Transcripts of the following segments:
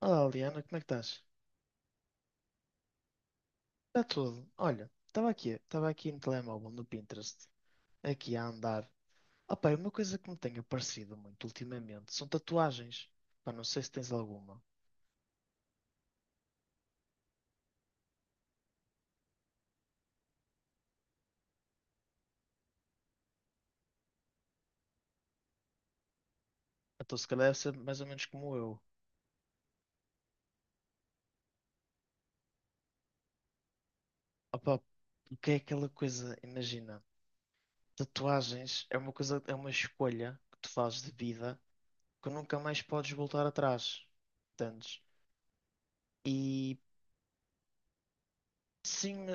Olá, Liana, como é que estás? Está tudo. Olha, estava aqui no telemóvel, no Pinterest, aqui a andar. Opa, uma coisa que me tem aparecido muito ultimamente são tatuagens. Pá, não sei se tens alguma. Então se calhar deve ser mais ou menos como eu. Opa, o que é aquela coisa, imagina, tatuagens é uma coisa, é uma escolha que tu fazes de vida que nunca mais podes voltar atrás. Entendes? E sim.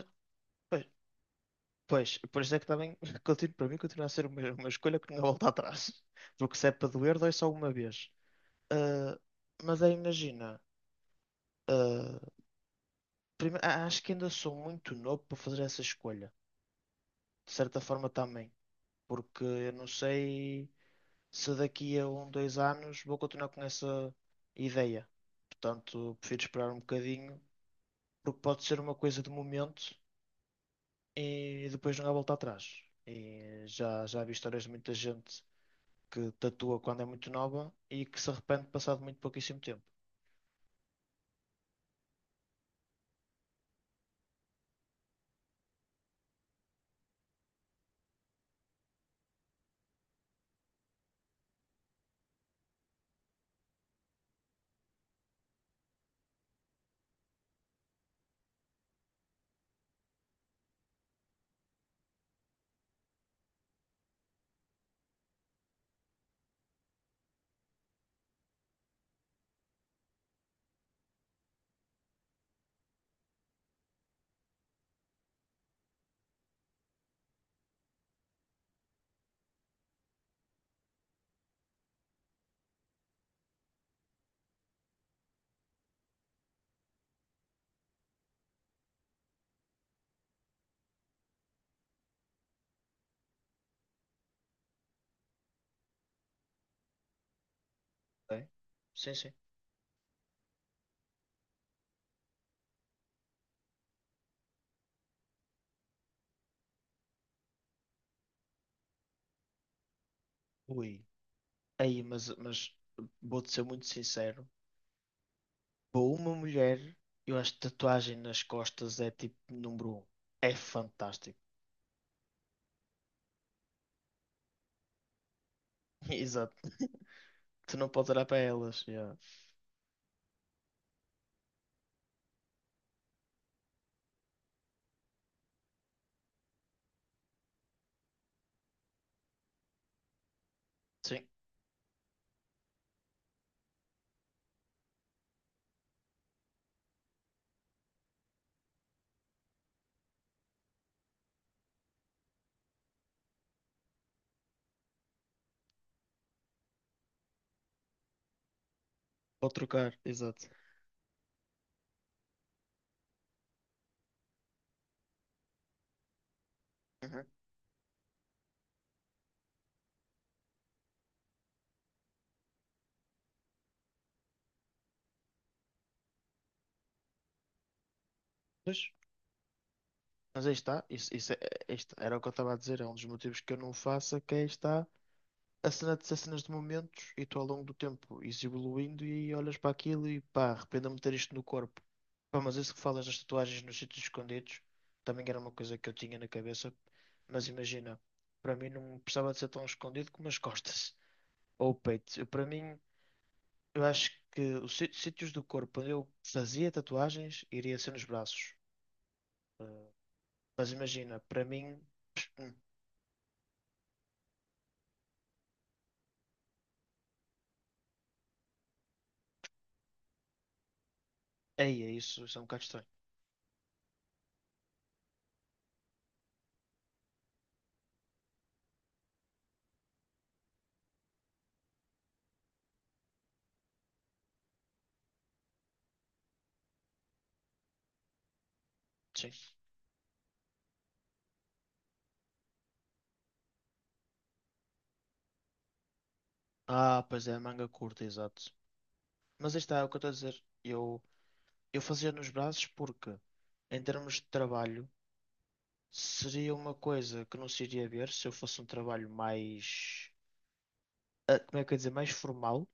Pois, por isso é que também, para mim, continua a ser uma escolha que não há volta atrás. Porque se é para doer, dói só uma vez. Ah, mas aí imagina, ah, acho que ainda sou muito novo para fazer essa escolha. De certa forma também. Porque eu não sei se daqui a um, dois anos vou continuar com essa ideia. Portanto, prefiro esperar um bocadinho, porque pode ser uma coisa de momento e depois não há volta atrás. E já vi histórias de muita gente que tatua quando é muito nova e que se arrepende passado muito pouquíssimo tempo. Ok? Sim, sim. Ui. Aí, mas vou-te ser muito sincero. Para uma mulher, eu acho que tatuagem nas costas é tipo número um. É fantástico. Exato. Tu não podes olhar para elas. Yeah. Sim, pode trocar. Exato. Uhum. Pois, mas aí está. Isso é, isto era o que eu estava a dizer. É um dos motivos que eu não faço, é que aí está. A cena de ser cenas de momentos e tu ao longo do tempo ires evoluindo e olhas para aquilo e pá, arrependo-me de ter isto no corpo. Pá, mas isso que falas das tatuagens nos sítios escondidos também era uma coisa que eu tinha na cabeça, mas imagina, para mim não precisava de ser tão escondido como as costas ou o peito. Eu, para mim, eu acho que os sítios do corpo onde eu fazia tatuagens iria ser nos braços. Ah, mas imagina, para mim, ei, é isso, isso é um bocado estranho. Sim. Ah, pois é, manga curta, exato. Mas aí está, é o que eu estou a dizer. Eu fazia nos braços porque, em termos de trabalho, seria uma coisa que não se iria ver se eu fosse um trabalho mais, como é que eu ia dizer, mais formal,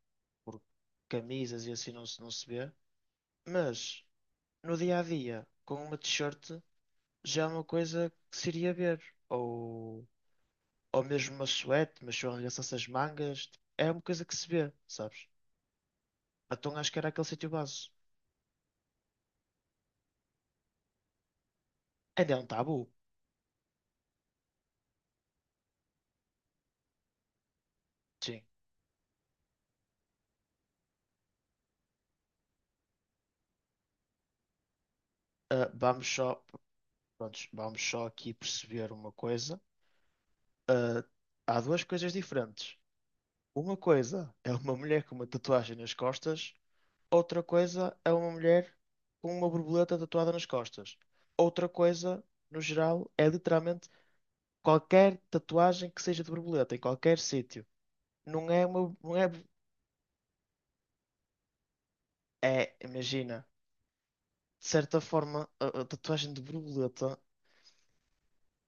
porque camisas e assim não se vê. Mas, no dia a dia, com uma t-shirt, já é uma coisa que se iria ver. Ou, ou mesmo uma suéte, mas se eu arregaçasse as mangas, é uma coisa que se vê, sabes? Então acho que era aquele sítio base. Ainda é um tabu. Sim. Vamos só. Prontos, vamos só aqui perceber uma coisa. Ah, há duas coisas diferentes. Uma coisa é uma mulher com uma tatuagem nas costas, outra coisa é uma mulher com uma borboleta tatuada nas costas. Outra coisa, no geral, é literalmente qualquer tatuagem que seja de borboleta, em qualquer sítio. Não é uma. Não é, é, imagina, de certa forma, a tatuagem de borboleta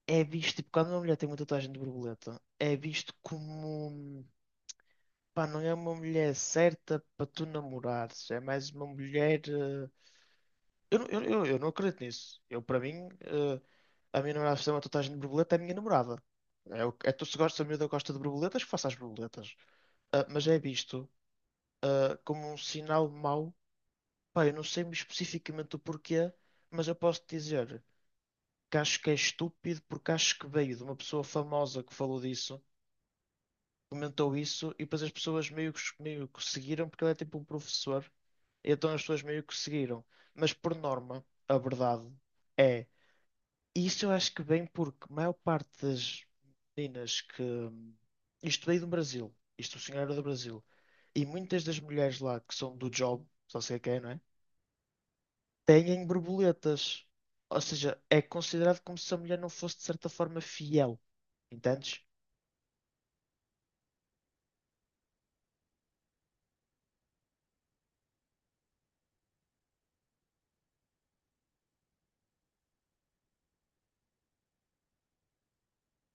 é visto, tipo, quando uma mulher tem uma tatuagem de borboleta, é visto como. Pá, não é uma mulher certa para tu namorares. É mais uma mulher. Eu não acredito nisso. Eu, para mim, a minha namorada fazer uma tatuagem de borboleta é a minha namorada. É, é tu se gosta, a miúda gosta de borboletas, que faça as borboletas. Ah, mas é visto, como um sinal mau. Pá, eu não sei especificamente o porquê, mas eu posso te dizer que acho que é estúpido porque acho que veio de uma pessoa famosa que falou disso. Comentou isso e depois as pessoas meio que seguiram, porque ele é tipo um professor, então as pessoas meio que seguiram. Mas por norma, a verdade é, e isso eu acho que vem porque a maior parte das meninas que. Isto veio do Brasil, isto o senhor era do Brasil, e muitas das mulheres lá que são do job, só sei quem, não é? Têm borboletas. Ou seja, é considerado como se a mulher não fosse de certa forma fiel. Entendes?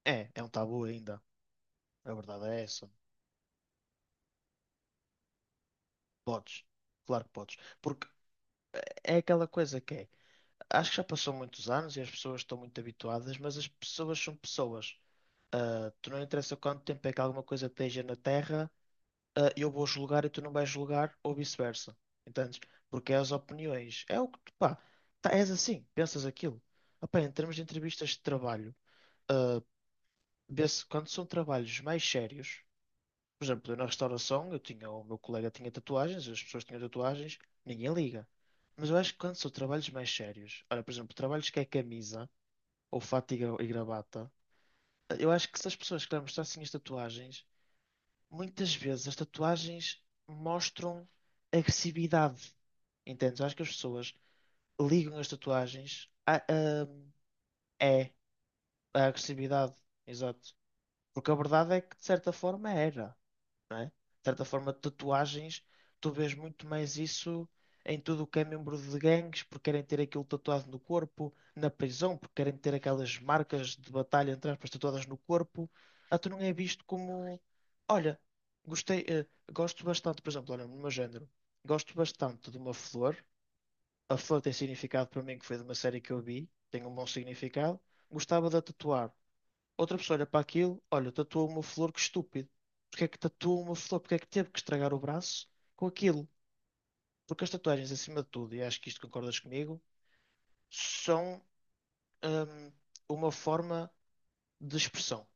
É um tabu ainda. A verdade é essa. Podes, claro que podes. Porque é aquela coisa que é. Acho que já passou muitos anos e as pessoas estão muito habituadas, mas as pessoas são pessoas. Ah, tu não interessa quanto tempo é que alguma coisa esteja na Terra, ah, eu vou julgar e tu não vais julgar, ou vice-versa. Entendes? Porque é as opiniões. É o que tu, pá, tá, és assim, pensas aquilo. Ah, pá, em termos de entrevistas de trabalho, ah, vê-se quando são trabalhos mais sérios. Por exemplo, eu na restauração, eu tinha, o meu colega tinha tatuagens, as pessoas tinham tatuagens, ninguém liga. Mas eu acho que quando são trabalhos mais sérios, olha, por exemplo, trabalhos que é camisa, ou fato e gravata, eu acho que se as pessoas querem mostrar assim as tatuagens, muitas vezes as tatuagens mostram agressividade. Entendes? Eu acho que as pessoas ligam as tatuagens a, é a agressividade. Exato. Porque a verdade é que, de certa forma, era. Não é? De certa forma, tatuagens, tu vês muito mais isso em tudo o que é membro de gangues, porque querem ter aquilo tatuado no corpo, na prisão, porque querem ter aquelas marcas de batalha, entre aspas, tatuadas no corpo. Ah, tu não é visto como, olha, gostei, gosto bastante, por exemplo, olha, no meu género, gosto bastante de uma flor. A flor tem significado para mim, que foi de uma série que eu vi, tem um bom significado. Gostava de a tatuar. Outra pessoa olha para aquilo, olha, tatuou uma flor, que estúpido. Porque é que tatuou uma flor? Porque é que teve que estragar o braço com aquilo? Porque as tatuagens, acima de tudo, e acho que isto concordas comigo, são hum, uma forma de expressão.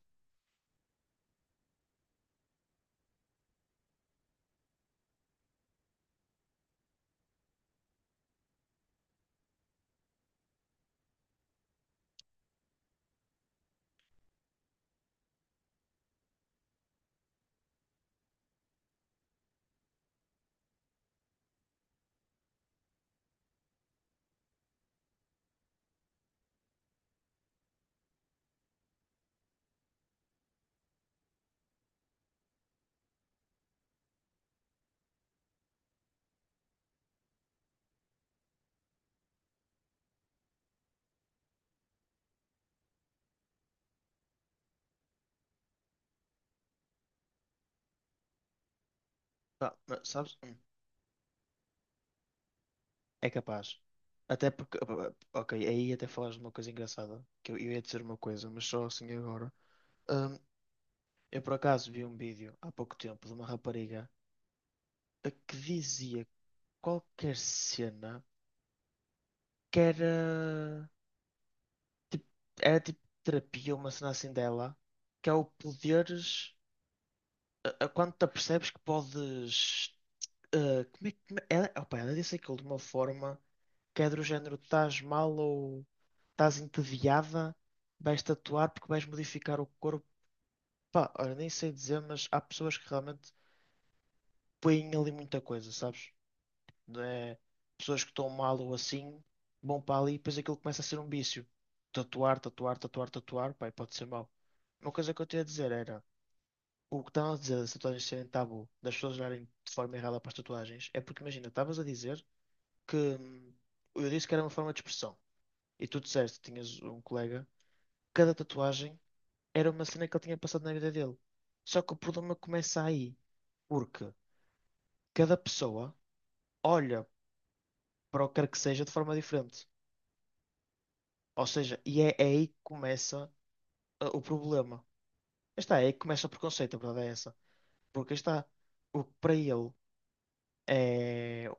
Pá, mas sabes? É capaz. Até porque, ok, aí até falaste de uma coisa engraçada, que eu ia dizer uma coisa, mas só assim agora. Hum, eu por acaso vi um vídeo há pouco tempo de uma rapariga a que dizia qualquer cena que era. Tipo, era tipo terapia, uma cena assim dela, que é o poderes. A Quando te apercebes que podes. Como é, como é, ela, opa, ela disse aquilo de uma forma que é do género: estás mal ou estás entediada, vais tatuar porque vais modificar o corpo. Pá, olha, nem sei dizer, mas há pessoas que realmente põem ali muita coisa, sabes? Né, pessoas que estão mal ou assim, vão para ali e depois aquilo começa a ser um vício. Tatuar, tatuar, tatuar, tatuar, pai, pode ser mau. Uma coisa que eu tinha a dizer era, o que estavam a dizer das tatuagens serem tabu, das pessoas olharem de forma errada para as tatuagens, é porque imagina, estavas a dizer que eu disse que era uma forma de expressão. E tu disseste, tinhas um colega, cada tatuagem era uma cena que ele tinha passado na vida dele. Só que o problema começa aí, porque cada pessoa olha para o que quer que seja de forma diferente. Ou seja, e é aí que começa o problema. Está, é aí que começa o preconceito, a verdade é essa. Porque está, o que para ele é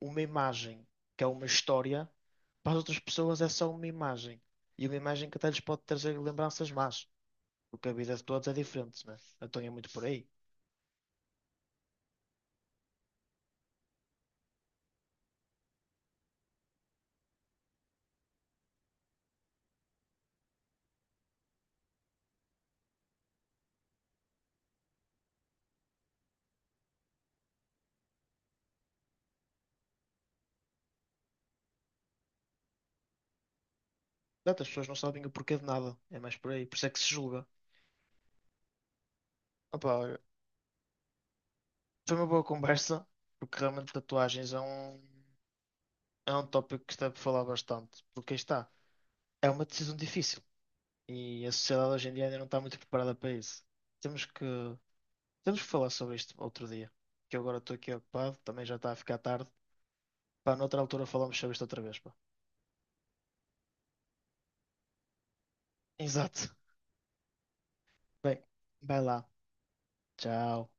uma imagem, que é uma história, para as outras pessoas é só uma imagem. E uma imagem que até lhes pode trazer lembranças más. Porque a vida de todos é diferente, né? Então é muito por aí. Exato, as pessoas não sabem o porquê de nada. É mais por aí. Por isso é que se julga. Opa, olha, foi uma boa conversa, porque realmente tatuagens é um tópico que está para falar bastante. Porque aí está, é uma decisão difícil. E a sociedade hoje em dia ainda não está muito preparada para isso. Temos que, temos que falar sobre isto outro dia. Que eu agora estou aqui ocupado, também já está a ficar tarde. Pá, noutra altura falamos sobre isto outra vez, pá. Exato. Bem, vai lá. Tchau.